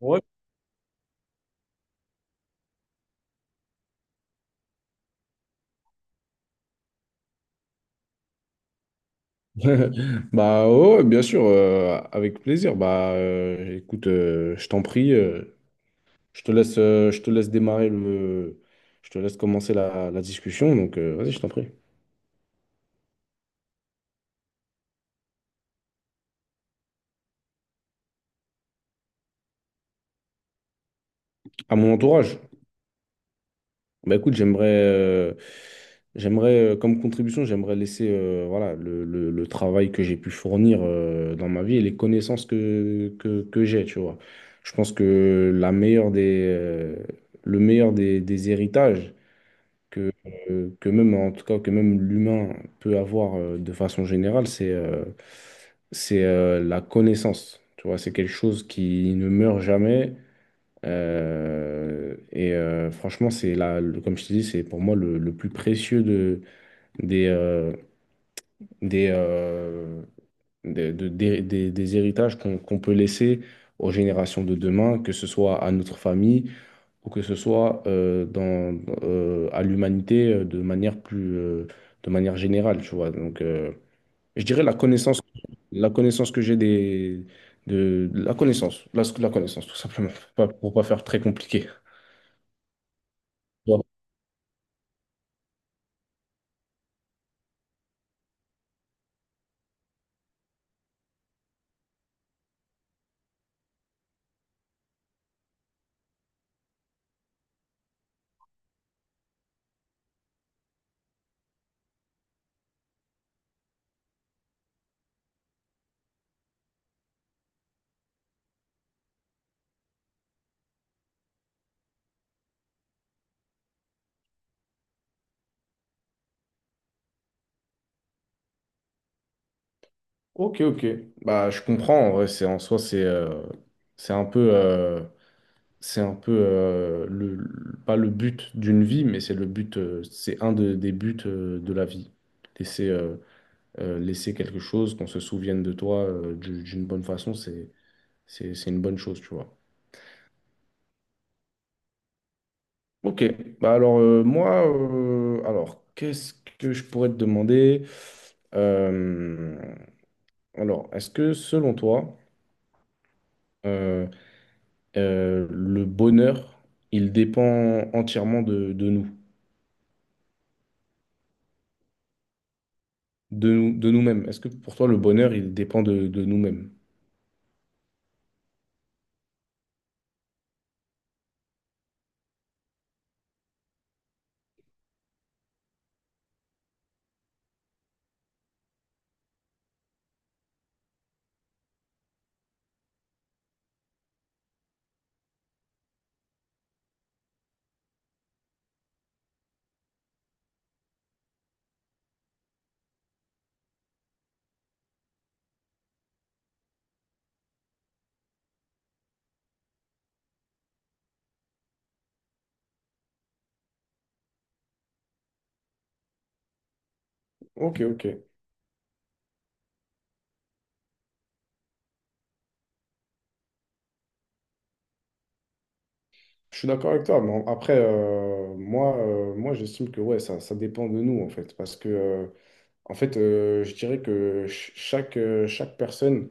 Ouais. Bah ouais, ouais, bien sûr, avec plaisir. Écoute, je t'en prie, je te laisse démarrer je te laisse commencer la discussion. Donc vas-y, je t'en prie. À mon entourage. Bah écoute, j'aimerais comme contribution, j'aimerais laisser voilà le travail que j'ai pu fournir dans ma vie et les connaissances que j'ai, tu vois. Je pense que le meilleur des héritages. que, que même, en tout cas, que même l'humain peut avoir de façon générale, c'est la connaissance. Tu vois, c'est quelque chose qui ne meurt jamais. Franchement, c'est là, comme je te dis, c'est pour moi le plus précieux de, des, euh, des, euh, des, de- des héritages qu'on peut laisser aux générations de demain, que ce soit à notre famille ou que ce soit à l'humanité de manière générale, tu vois. Donc, je dirais la connaissance que j'ai des, de la connaissance, la connaissance, tout simplement, pour pas faire très compliqué. Bon. Ok, ok. Bah, je comprends. En vrai, c'est en soi, c'est un peu, euh, c'est un peu pas le but d'une vie, mais c'est le but, c'est des buts de la vie. Et c'est Laisser quelque chose, qu'on se souvienne de toi d'une bonne façon, c'est une bonne chose, tu vois. Ok, bah alors moi, alors qu'est-ce que je pourrais te demander? Euh, alors, est-ce que selon toi, euh, le bonheur, il dépend entièrement de nous, de nous-mêmes? Est-ce que pour toi, le bonheur, il dépend de nous-mêmes? Ok, ok. Je suis d'accord avec toi, mais après, moi j'estime que ouais, ça dépend de nous, en fait. Parce que, je dirais que chaque, chaque personne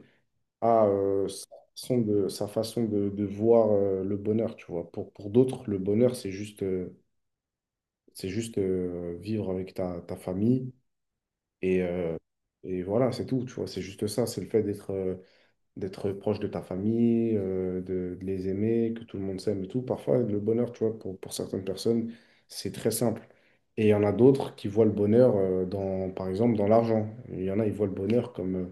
a sa sa façon de voir le bonheur, tu vois. Pour d'autres, le bonheur, c'est juste vivre avec ta famille. Et, euh, et voilà, c'est tout, tu vois. C'est juste ça, c'est le fait d'être, d'être proche de ta famille, de les aimer, que tout le monde s'aime et tout. Parfois, le bonheur, tu vois, pour certaines personnes, c'est très simple. Et il y en a d'autres qui voient le bonheur dans, par exemple, dans l'argent. Il y en a, ils voient le bonheur comme, euh,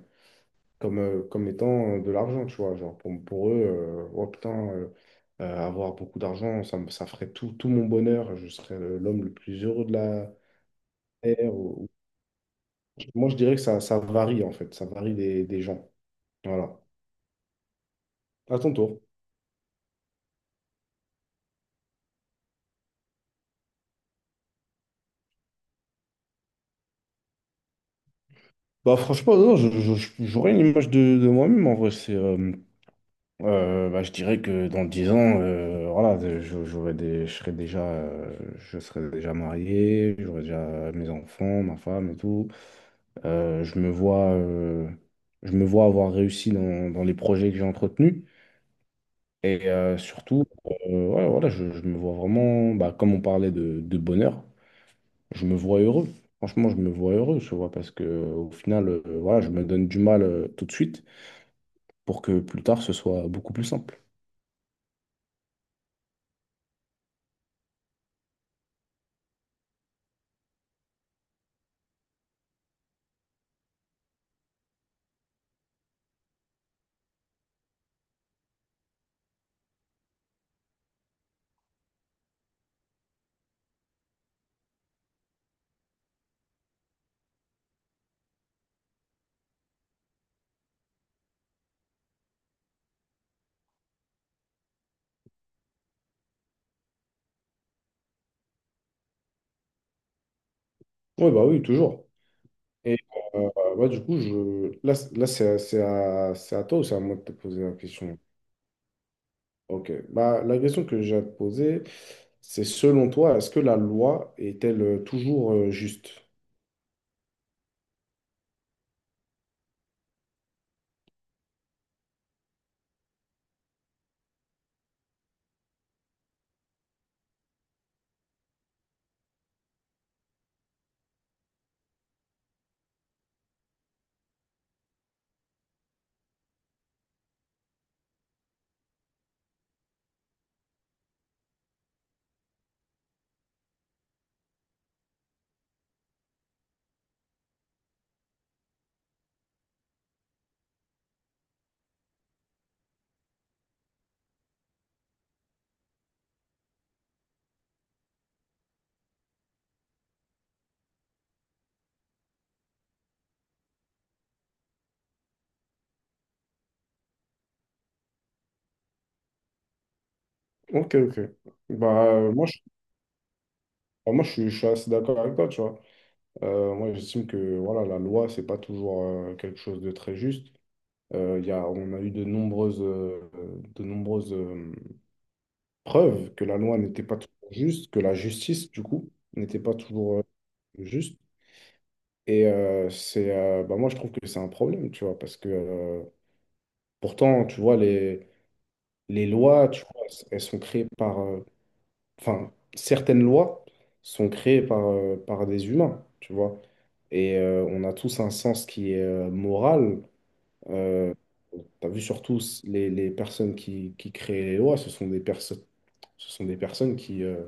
comme, euh, comme étant de l'argent, tu vois. Genre, pour eux, oh putain, avoir beaucoup d'argent, ça ferait tout, tout mon bonheur. Je serais l'homme le plus heureux de la terre. Moi, je dirais que ça varie, en fait. Ça varie des gens. Voilà. À ton tour. Bah franchement, non, j'aurais une image de moi-même en vrai. Bah, je dirais que dans 10 ans, voilà, j'aurais des, je serais déjà marié, j'aurais déjà mes enfants, ma femme et tout. Euh, je me vois, euh, je me vois avoir réussi dans les projets que j'ai entretenus. Surtout, ouais, voilà, je me vois vraiment, bah, comme on parlait de bonheur, je me vois heureux. Franchement, je me vois heureux, tu vois, parce que au final, voilà, je me donne du mal tout de suite pour que plus tard ce soit beaucoup plus simple. Oui, bah oui, toujours. Et euh, ouais, du coup, je... là c'est à toi ou c'est à moi de te poser la question? Ok. Bah, la question que j'ai à te poser, c'est selon toi, est-ce que la loi est-elle toujours juste? Ok, ok. Bah, euh, moi, je, Bah, moi, je suis assez d'accord avec toi, tu vois. Moi, j'estime que voilà, la loi, c'est pas toujours quelque chose de très juste. On a eu de nombreuses preuves que la loi n'était pas toujours juste, que la justice, du coup, n'était pas toujours juste. Bah, moi, je trouve que c'est un problème, tu vois, parce que pourtant, tu vois, les lois, tu vois, elles sont créées enfin, certaines lois sont créées par des humains, tu vois. Et on a tous un sens qui est moral. Euh, Tu vu surtout les personnes qui créent les lois, ce sont des personnes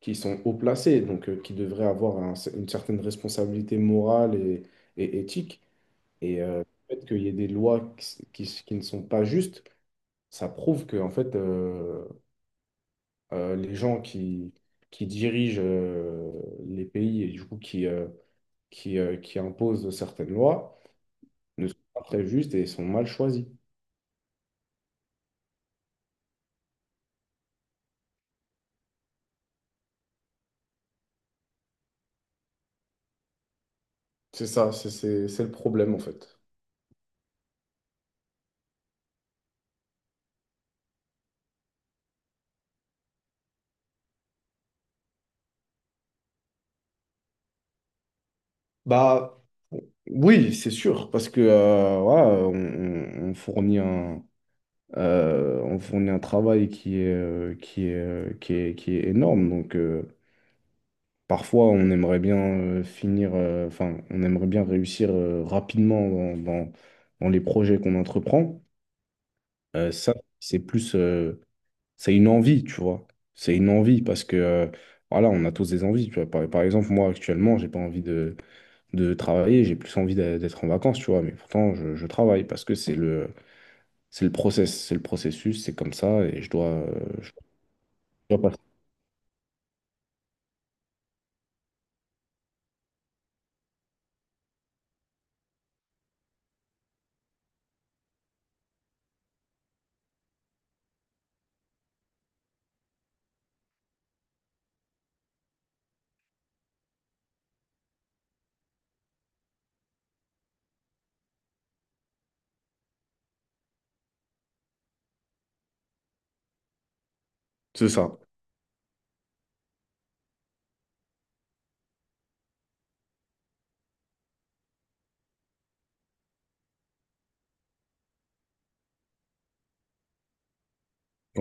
qui sont haut placées, donc qui devraient avoir une certaine responsabilité morale et éthique. Et euh, le fait qu'il y ait des lois qui ne sont pas justes, ça prouve que en fait, les gens qui dirigent les pays et du coup qui, qui imposent certaines lois ne sont pas très justes et sont mal choisis. C'est ça, c'est le problème en fait. Bah oui, c'est sûr, parce que voilà, on fournit on fournit un travail qui est énorme. Donc parfois, on aimerait bien enfin, on aimerait bien réussir rapidement dans les projets qu'on entreprend. Euh, ça, c'est plus, c'est une envie, tu vois. C'est une envie parce que, voilà, on a tous des envies, tu vois. Par exemple, moi, actuellement, j'ai pas envie de travailler, j'ai plus envie d'être en vacances, tu vois. Mais pourtant, je travaille parce que c'est le process, c'est le processus, c'est comme ça et je dois passer. C'est ça.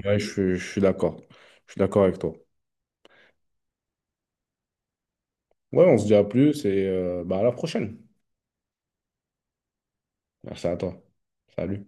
Ouais, je suis d'accord. Je suis d'accord avec toi. Ouais, on se dit à plus et bah, à la prochaine. Merci à toi. Salut.